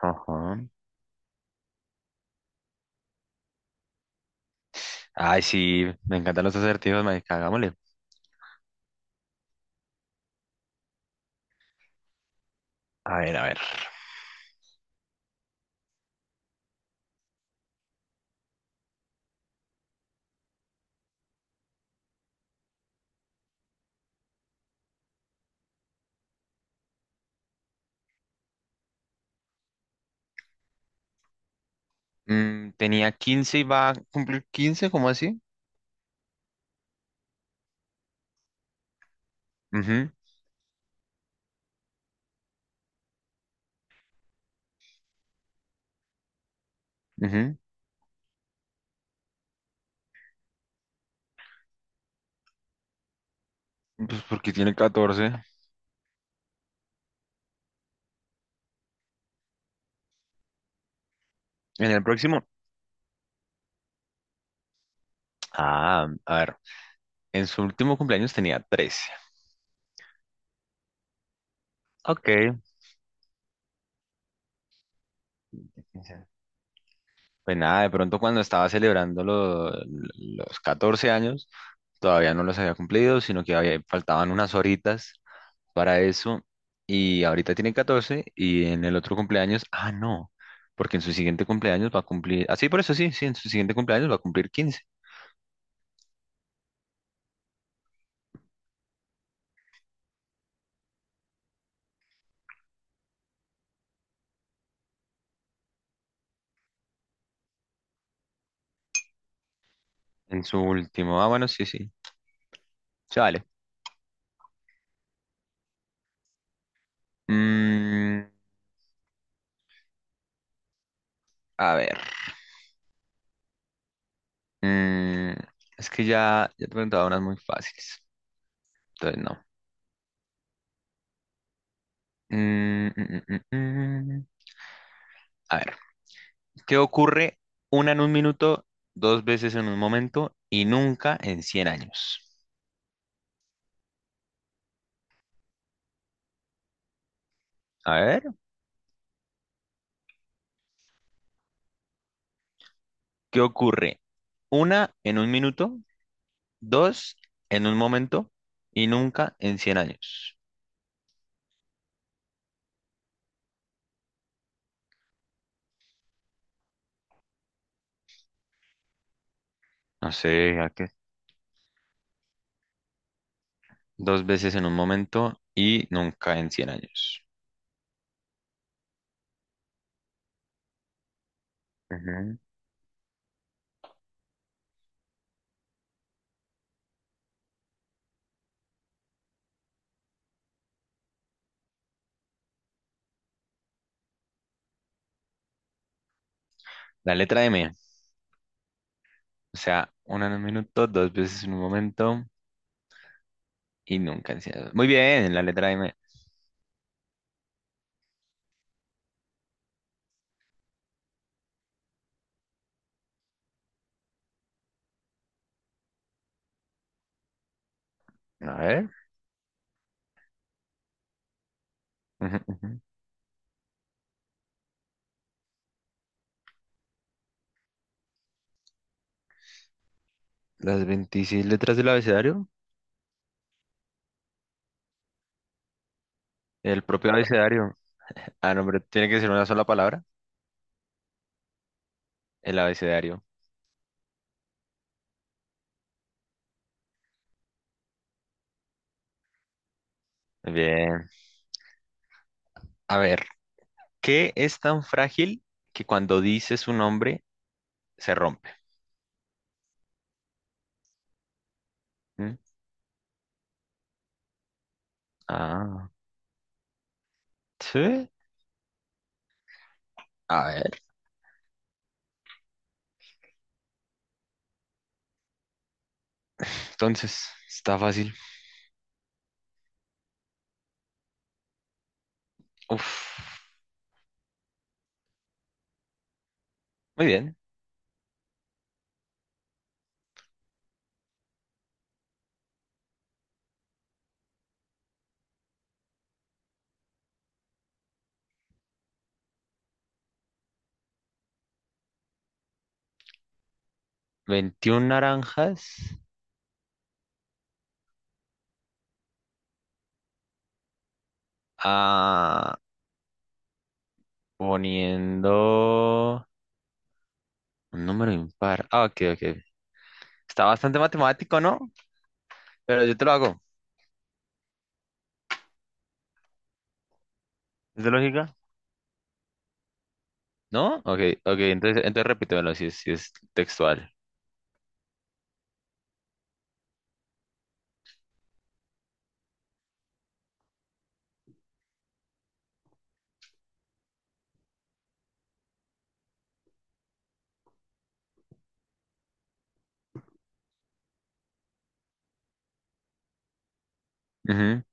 Ajá. Ay, sí, me encantan los acertijos, marica, hagámosle. A ver, a ver. Tenía 15 y va a cumplir quince, ¿cómo así? Ujú, ujú. Pues porque tiene catorce. En el próximo. Ah, a ver. En su último cumpleaños tenía trece. Ok. Quince. Pues nada, de pronto cuando estaba celebrando los 14 años, todavía no los había cumplido, sino que faltaban unas horitas para eso. Y ahorita tiene 14 y en el otro cumpleaños, ah, no, porque en su siguiente cumpleaños va a cumplir, así por eso, sí, sí, en su siguiente cumpleaños va a cumplir quince. En su último, ah, bueno, sí, sí, se vale. Mm, a ver, mm, es que ya te preguntaba unas muy fáciles, entonces no. Mm, mm, mm, mm, mm. A ver, ¿qué ocurre una en un minuto, dos veces en un momento y nunca en 100 años? A ver, ¿qué ocurre? Una en un minuto, dos en un momento y nunca en 100 años. No sé, ¿a qué? Dos veces en un momento y nunca en 100 años. Ujú. La letra M. O sea, una en un minuto, dos veces en un momento y nunca en cien años. Muy bien, la letra M. A ver. Ujú, ujú. Las 26 letras del abecedario. El propio abecedario. Ah, no, pero tiene que ser una sola palabra. El abecedario. Bien. A ver, ¿qué es tan frágil que cuando dices su nombre se rompe? Ah, sí. A ver, entonces, está fácil. Uf, muy bien. 21 naranjas. Ah, poniendo un número impar. Ah, ok, ok. Está bastante matemático, ¿no? Pero yo te lo hago. ¿Es de lógica? ¿No? Ok, ok. Entonces, entonces repítemelo si es, si es textual. Ujú.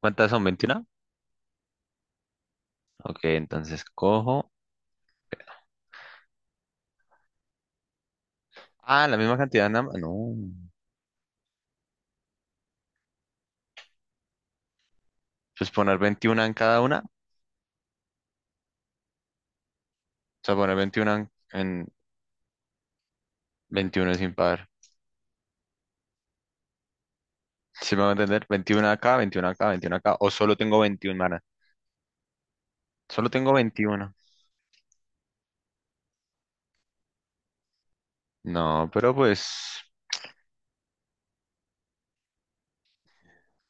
¿Cuántas son? Veintiuna. Ok, entonces cojo. Ah, la misma cantidad, nada más. No. Pues poner veintiuna en cada una. O sea, poner 21 en 21 es impar. Si me va a entender, 21 acá, 21 acá, 21 acá, o solo tengo 21 manas. Solo tengo veintiuno. No, pero pues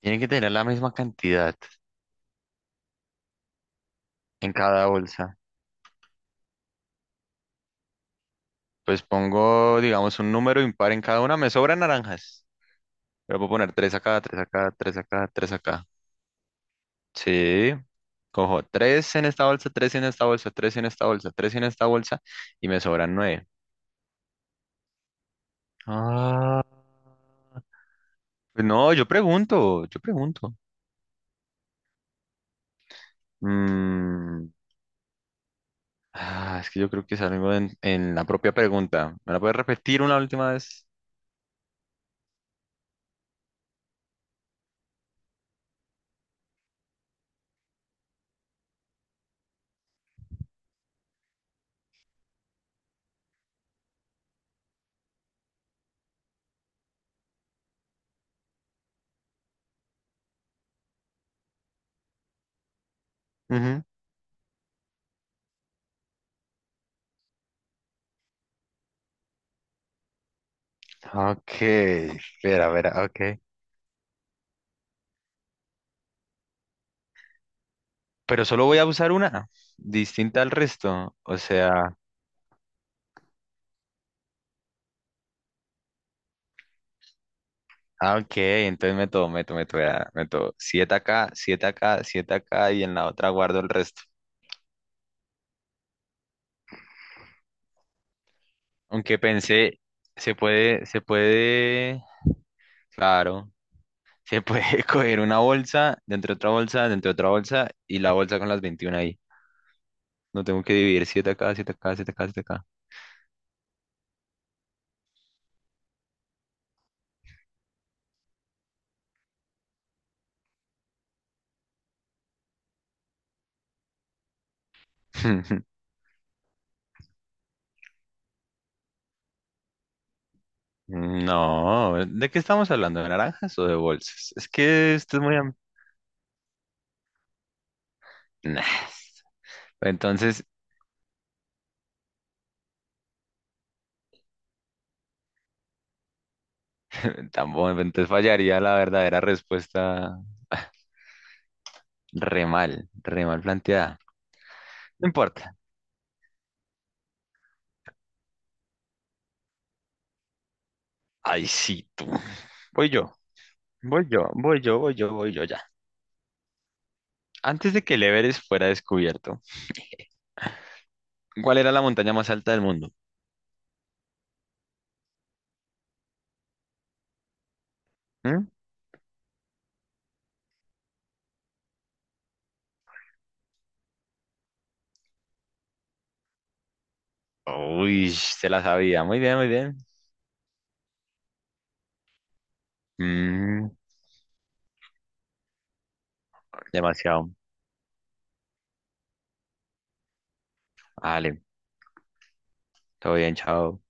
tienen que tener la misma cantidad en cada bolsa. Pues pongo, digamos, un número impar en cada una. Me sobran naranjas. Pero puedo poner tres acá, 3 acá, 3 acá, 3 acá. Sí, cojo 3 en esta bolsa, 3 en esta bolsa, 3 en esta bolsa, 3 en esta bolsa y me sobran nueve. Ah. Pues no, yo pregunto, yo pregunto. Mm, Ah, es que yo creo que es algo en la propia pregunta. ¿Me la puedes repetir una última vez? Ujú. Ok, espera, espera, ok. Pero solo voy a usar una, distinta al resto. O sea, ah, ok, entonces meto, vea, meto 7 acá, 7 acá, 7 acá y en la otra guardo el resto. Aunque pensé, se puede, claro, se puede coger una bolsa, dentro de otra bolsa, dentro de otra bolsa y la bolsa con las 21 ahí. No tengo que dividir siete acá, 7 acá, siete acá, 7 acá. No, ¿de qué estamos hablando? ¿De naranjas o de bolsas? Es que esto es muy... Nah. Entonces, tampoco, entonces fallaría la verdadera respuesta. Re mal planteada. No importa. Ay, sí, tú. Voy yo, voy yo, voy yo, voy yo, voy yo ya. Antes de que el Everest fuera descubierto, ¿cuál era la montaña más alta del mundo? ¿Mm? Uy, se la sabía. Muy bien, muy bien. Mm, demasiado. Vale, todo bien, chao.